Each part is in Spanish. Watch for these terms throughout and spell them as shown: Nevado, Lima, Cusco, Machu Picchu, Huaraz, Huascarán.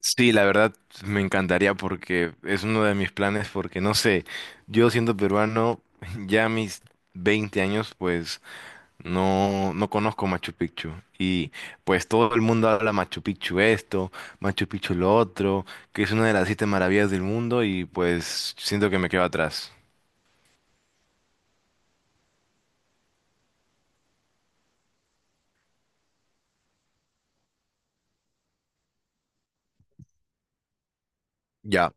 Sí, la verdad me encantaría porque es uno de mis planes porque no sé, yo siendo peruano ya a mis 20 años pues no conozco Machu Picchu y pues todo el mundo habla Machu Picchu esto, Machu Picchu lo otro, que es una de las siete maravillas del mundo y pues siento que me quedo atrás. Ya,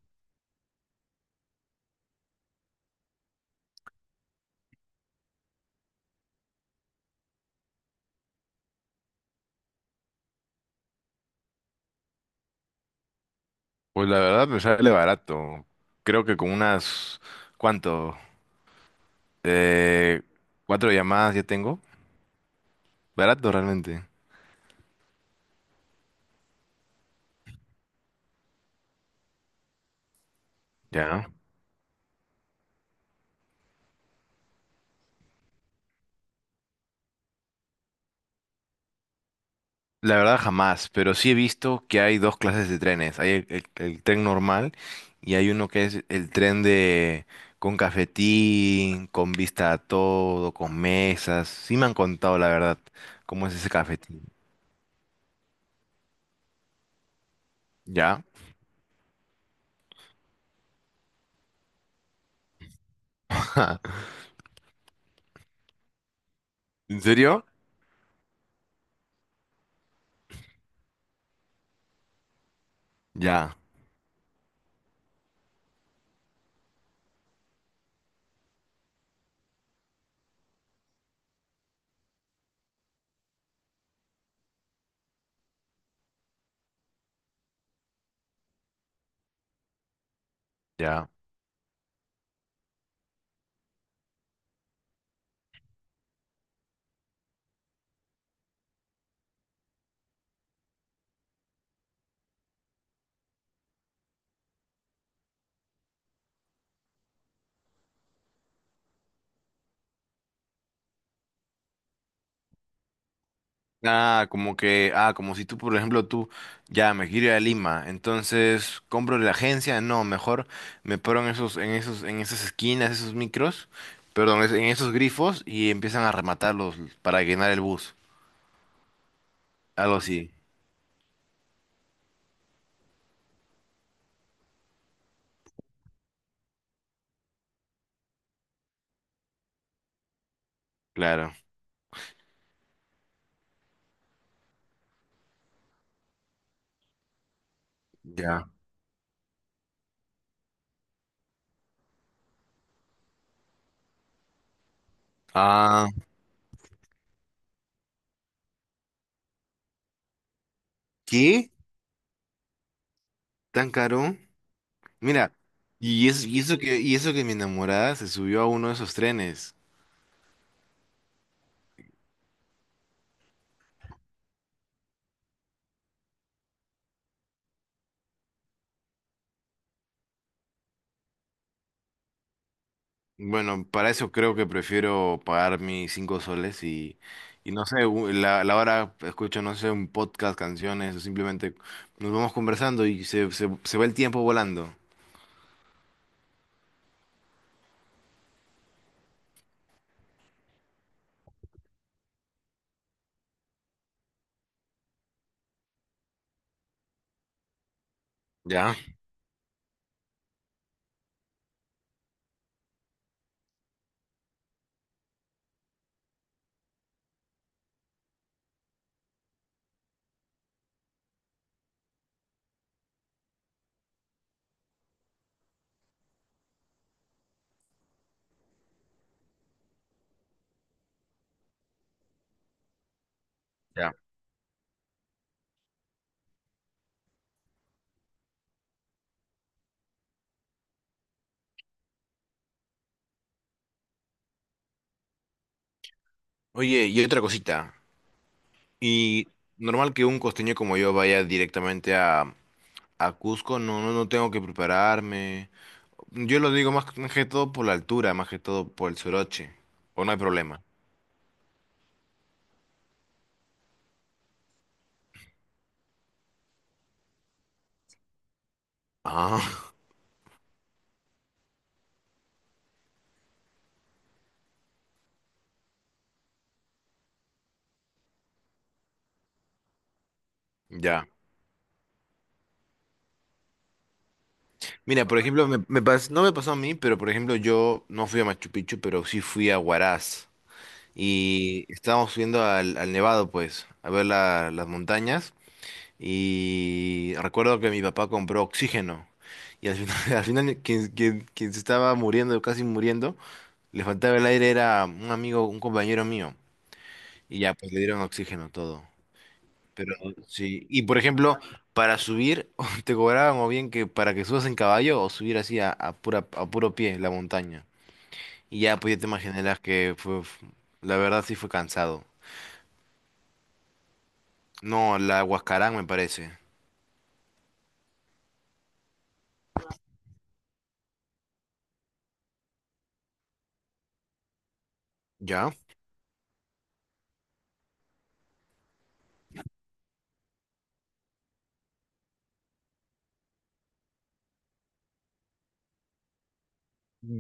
pues la verdad me sale barato. Creo que con unas ¿cuánto? Eh, Cuatro llamadas ya tengo. Barato realmente. Ya. La verdad jamás, pero sí he visto que hay dos clases de trenes. Hay el tren normal y hay uno que es el tren de con cafetín, con vista a todo, con mesas. Sí me han contado la verdad cómo es ese cafetín. ¿Ya? ¿En serio? Ya, ya. Ah, como que, como si tú, por ejemplo, tú, ya, me quiero ir a Lima, entonces compro en la agencia, no, mejor me paro en esas esquinas, esos micros, perdón, en esos grifos y empiezan a rematarlos para llenar el bus, algo así, claro, ya. Ah, ¿qué? ¿Tan caro? Mira, y eso, y eso que mi enamorada se subió a uno de esos trenes. Bueno, para eso creo que prefiero pagar mis 5 soles y no sé, u- la hora escucho, no sé, un podcast, canciones, o simplemente nos vamos conversando y se va el tiempo volando. Ya, ya. Oye, y otra cosita. Y normal que un costeño como yo vaya directamente a Cusco, no, no, no tengo que prepararme. Yo lo digo más que todo por la altura, más que todo por el soroche. O no hay problema. Ah, ya. Mira, por ejemplo, no me pasó a mí, pero por ejemplo yo no fui a Machu Picchu, pero sí fui a Huaraz. Y estábamos subiendo al Nevado, pues, a ver las montañas. Y recuerdo que mi papá compró oxígeno. Y al final, al final quien se estaba muriendo, casi muriendo, le faltaba el aire, era un amigo, un compañero mío. Y ya, pues le dieron oxígeno todo. Pero sí, y por ejemplo, para subir te cobraban o bien que para que subas en caballo o subir así a puro pie la montaña. Y ya pues ya te imaginarás que fue, la verdad sí fue cansado. No, la Huascarán me parece. ¿Ya?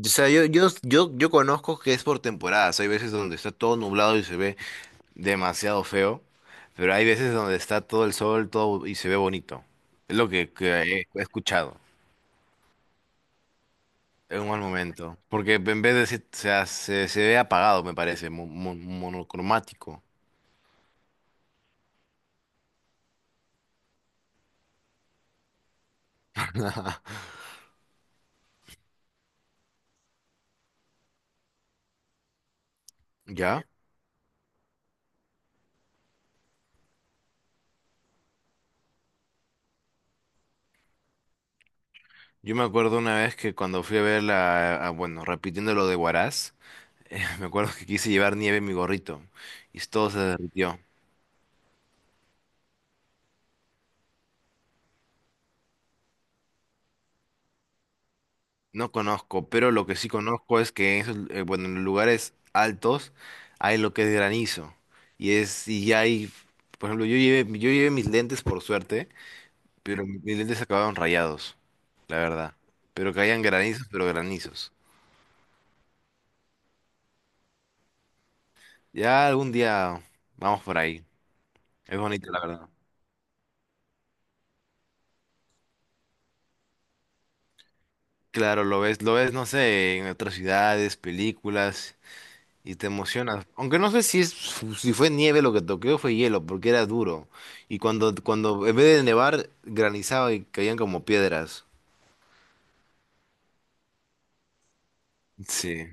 O sea, yo conozco que es por temporadas. Hay veces donde está todo nublado y se ve demasiado feo, pero hay veces donde está todo el sol, todo y se ve bonito. Es lo que he escuchado. Es un mal momento. Porque en vez de se ve apagado, me parece, monocromático. ¿Ya? Yo me acuerdo una vez que cuando fui a ver bueno, repitiendo lo de Huaraz, me acuerdo que quise llevar nieve en mi gorrito y todo se derritió. No conozco, pero lo que sí conozco es que en esos, bueno, en los lugares altos hay lo que es granizo. Y es, y ya hay, por ejemplo, yo llevé mis lentes por suerte. Pero mis lentes acabaron rayados, la verdad. Pero caían granizos, pero granizos. Ya algún día vamos por ahí. Es bonito, la verdad. Claro, lo ves, no sé, en otras ciudades, películas, y te emocionas. Aunque no sé si es, si fue nieve lo que toqué o fue hielo, porque era duro. Y cuando, cuando en vez de nevar, granizaba y caían como piedras. Sí.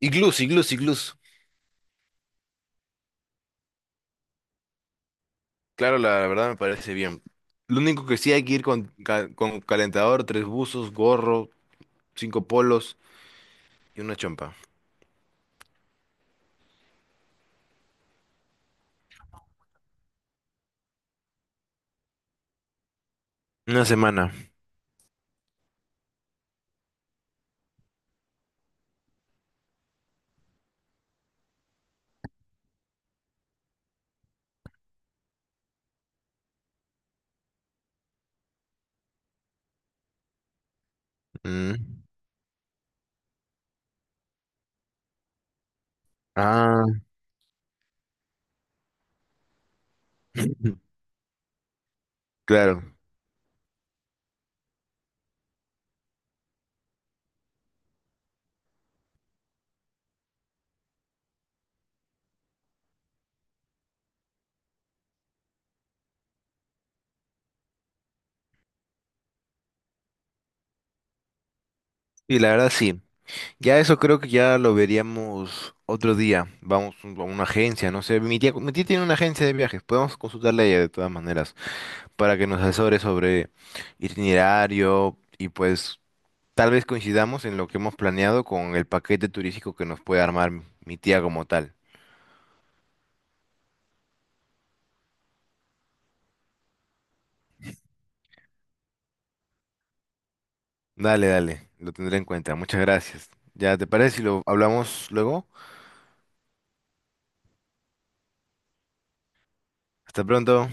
Iglús, iglús, iglús. Claro, la verdad me parece bien. Lo único que sí hay que ir con, con calentador, tres buzos, gorro, cinco polos y una chompa. Una semana. Mm. Ah, claro. Y la verdad sí. Ya eso creo que ya lo veríamos otro día. Vamos a una agencia, no sé. Mi tía tiene una agencia de viajes. Podemos consultarle a ella de todas maneras para que nos asesore sobre itinerario y pues tal vez coincidamos en lo que hemos planeado con el paquete turístico que nos puede armar mi tía como tal. Dale, dale. Lo tendré en cuenta. Muchas gracias. ¿Ya te parece si lo hablamos luego? Hasta pronto.